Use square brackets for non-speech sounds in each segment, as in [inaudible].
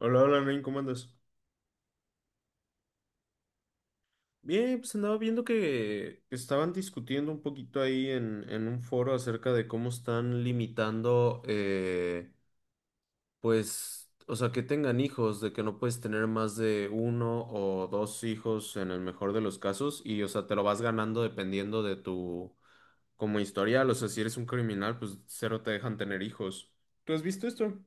Hola, hola, Nain, ¿cómo andas? Bien, pues andaba viendo que estaban discutiendo un poquito ahí en un foro acerca de cómo están limitando, o sea, que tengan hijos, de que no puedes tener más de uno o dos hijos en el mejor de los casos y, o sea, te lo vas ganando dependiendo de tu, como historial, o sea, si eres un criminal, pues cero te dejan tener hijos. ¿Tú has visto esto?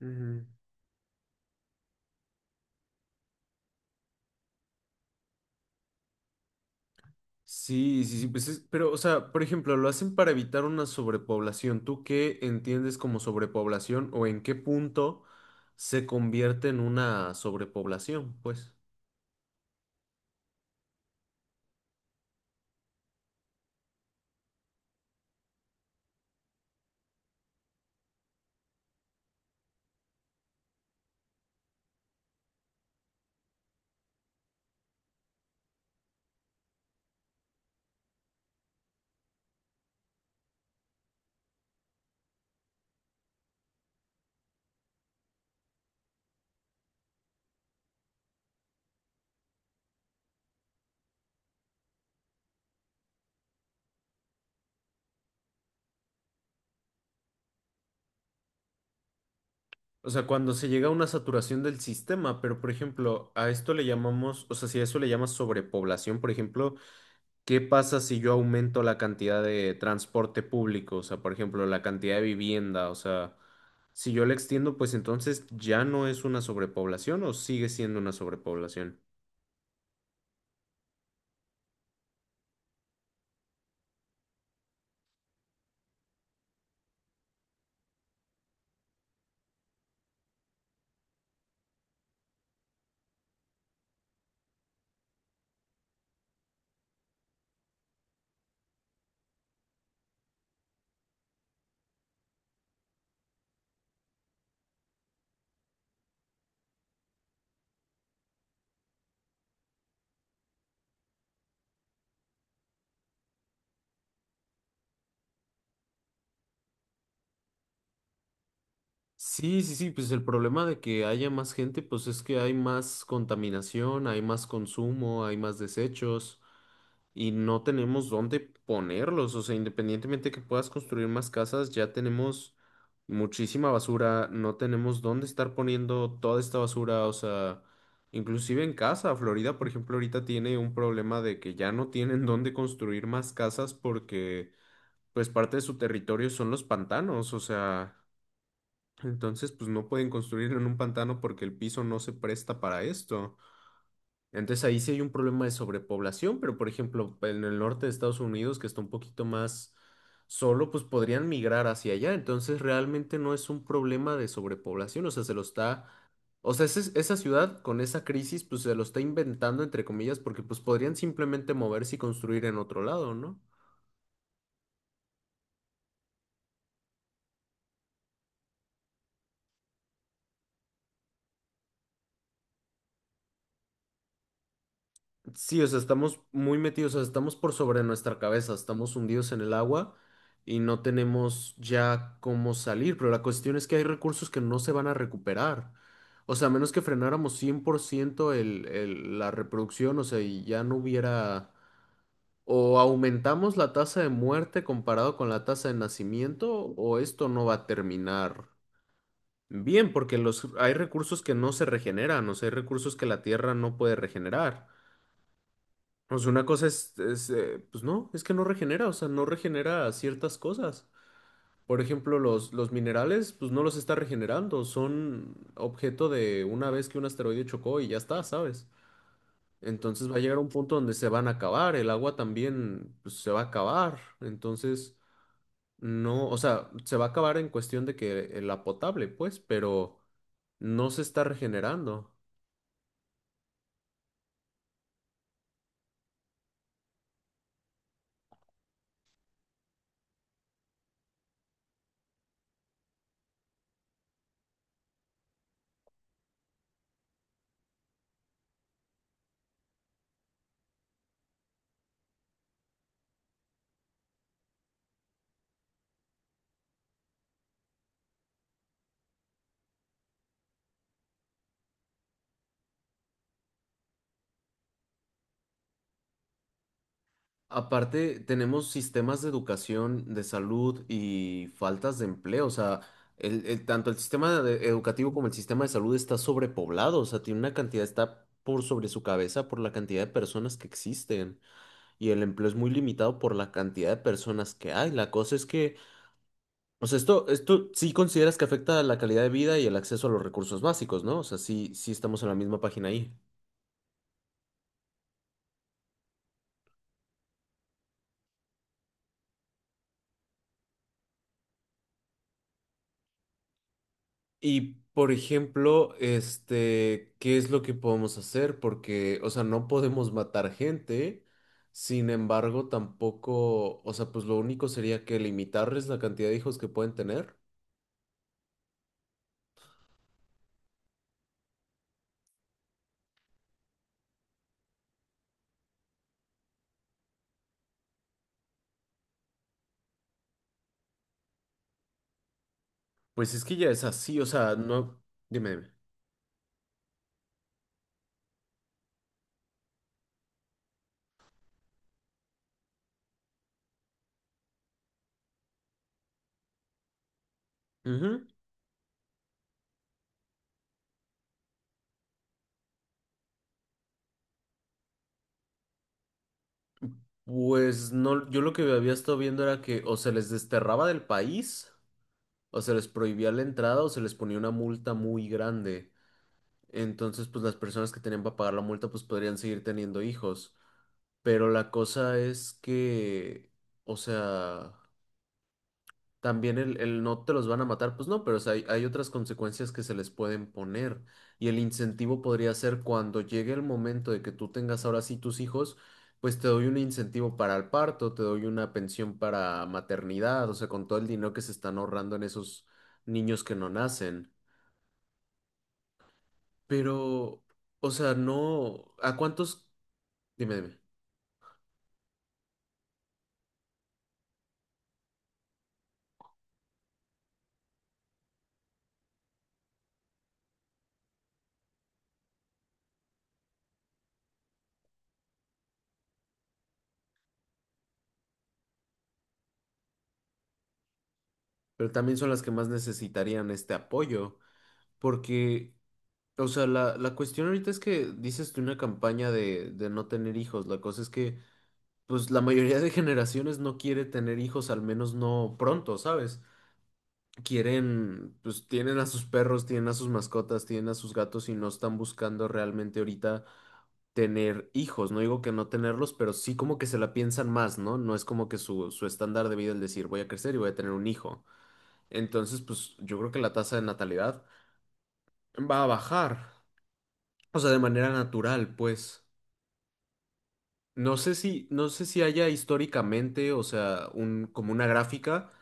Ujú. Sí, sí, sí, pero, o sea, por ejemplo, lo hacen para evitar una sobrepoblación. ¿Tú qué entiendes como sobrepoblación o en qué punto se convierte en una sobrepoblación? Pues, o sea, cuando se llega a una saturación del sistema, pero, por ejemplo, a esto le llamamos, o sea, si a eso le llamas sobrepoblación, por ejemplo, ¿qué pasa si yo aumento la cantidad de transporte público? O sea, por ejemplo, la cantidad de vivienda. O sea, si yo la extiendo, pues entonces ya no es una sobrepoblación o sigue siendo una sobrepoblación. Sí, sí, sí, pues el problema de que haya más gente, pues es que hay más contaminación, hay más consumo, hay más desechos, y no tenemos dónde ponerlos. O sea, independientemente que puedas construir más casas, ya tenemos muchísima basura, no tenemos dónde estar poniendo toda esta basura. O sea, inclusive en casa, Florida, por ejemplo, ahorita tiene un problema de que ya no tienen dónde construir más casas porque, pues, parte de su territorio son los pantanos. O sea, entonces, pues, no pueden construir en un pantano porque el piso no se presta para esto. Entonces ahí sí hay un problema de sobrepoblación, pero por ejemplo, en el norte de Estados Unidos, que está un poquito más solo, pues podrían migrar hacia allá. Entonces realmente no es un problema de sobrepoblación, o sea, se lo está, o sea, esa ciudad con esa crisis, pues se lo está inventando, entre comillas, porque pues podrían simplemente moverse y construir en otro lado, ¿no? Sí, o sea, estamos muy metidos, o sea, estamos por sobre nuestra cabeza, estamos hundidos en el agua y no tenemos ya cómo salir, pero la cuestión es que hay recursos que no se van a recuperar. O sea, a menos que frenáramos 100% la reproducción, o sea, y ya no hubiera... O aumentamos la tasa de muerte comparado con la tasa de nacimiento, o esto no va a terminar bien, porque los, hay recursos que no se regeneran, o sea, hay recursos que la Tierra no puede regenerar, pues una cosa es, pues no, es que no regenera, o sea, no regenera ciertas cosas. Por ejemplo, los minerales, pues no los está regenerando, son objeto de una vez que un asteroide chocó y ya está, ¿sabes? Entonces va a llegar un punto donde se van a acabar, el agua también, pues, se va a acabar, entonces no, o sea, se va a acabar en cuestión de que la potable, pues, pero no se está regenerando. Aparte, tenemos sistemas de educación, de salud y faltas de empleo. O sea, tanto educativo como el sistema de salud está sobrepoblado. O sea, tiene una cantidad, está por sobre su cabeza por la cantidad de personas que existen. Y el empleo es muy limitado por la cantidad de personas que hay. La cosa es que, o sea, esto sí consideras que afecta a la calidad de vida y el acceso a los recursos básicos, ¿no? O sea, sí, sí estamos en la misma página ahí. Y por ejemplo, este, ¿qué es lo que podemos hacer? Porque, o sea, no podemos matar gente, sin embargo, tampoco, o sea, pues lo único sería que limitarles la cantidad de hijos que pueden tener. Pues es que ya es así, o sea, no, dime, dime. Ujú. Pues no, yo lo que había estado viendo era que o se les desterraba del país, o se les prohibía la entrada, o se les ponía una multa muy grande. Entonces, pues las personas que tenían para pagar la multa, pues podrían seguir teniendo hijos. Pero la cosa es que, o sea, también el no te los van a matar, pues no, pero o sea, hay otras consecuencias que se les pueden poner. Y el incentivo podría ser cuando llegue el momento de que tú tengas ahora sí tus hijos, pues te doy un incentivo para el parto, te doy una pensión para maternidad, o sea, con todo el dinero que se están ahorrando en esos niños que no nacen. Pero, o sea, no, ¿a cuántos? Dime, dime. Pero también son las que más necesitarían este apoyo. Porque, o sea, la cuestión ahorita es que dices tú una campaña de no tener hijos. La cosa es que, pues, la mayoría de generaciones no quiere tener hijos, al menos no pronto, ¿sabes? Quieren, pues, tienen a sus perros, tienen a sus mascotas, tienen a sus gatos y no están buscando realmente ahorita tener hijos. No digo que no tenerlos, pero sí como que se la piensan más, ¿no? No es como que su estándar de vida es decir, voy a crecer y voy a tener un hijo. Entonces, pues, yo creo que la tasa de natalidad va a bajar. O sea, de manera natural, pues. No sé si, no sé si haya históricamente, o sea, un, como una gráfica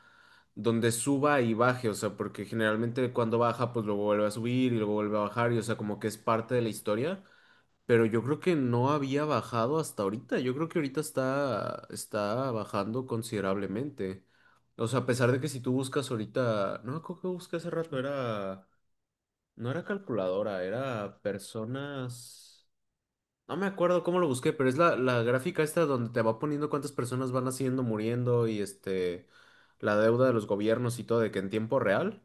donde suba y baje, o sea, porque generalmente cuando baja, pues luego vuelve a subir y luego vuelve a bajar, y o sea, como que es parte de la historia. Pero yo creo que no había bajado hasta ahorita. Yo creo que ahorita está, está bajando considerablemente. O sea, a pesar de que si tú buscas ahorita, no, creo que busqué hace rato, era, no era calculadora, era personas. No me acuerdo cómo lo busqué, pero es la gráfica esta donde te va poniendo cuántas personas van haciendo, muriendo y este, la deuda de los gobiernos y todo, de que en tiempo real.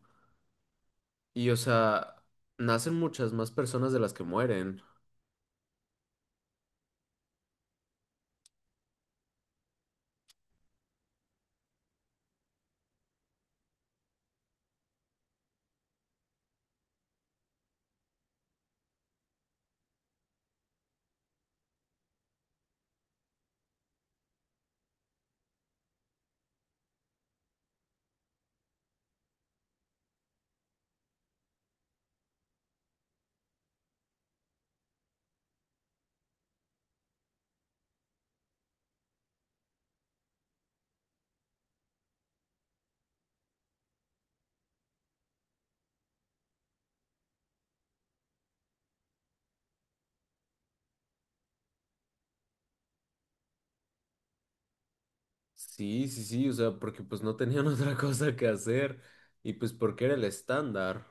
Y o sea, nacen muchas más personas de las que mueren. Sí, sí, sí, o sea, porque pues no tenían [laughs] otra cosa que hacer y pues porque era el estándar.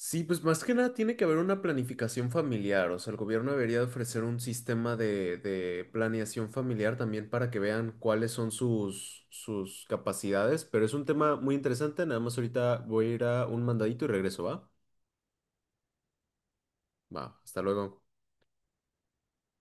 Sí, pues más que nada tiene que haber una planificación familiar, o sea, el gobierno debería de ofrecer un sistema de planeación familiar también para que vean cuáles son sus, sus capacidades, pero es un tema muy interesante, nada más ahorita voy a ir a un mandadito y regreso, ¿va? Va, hasta luego.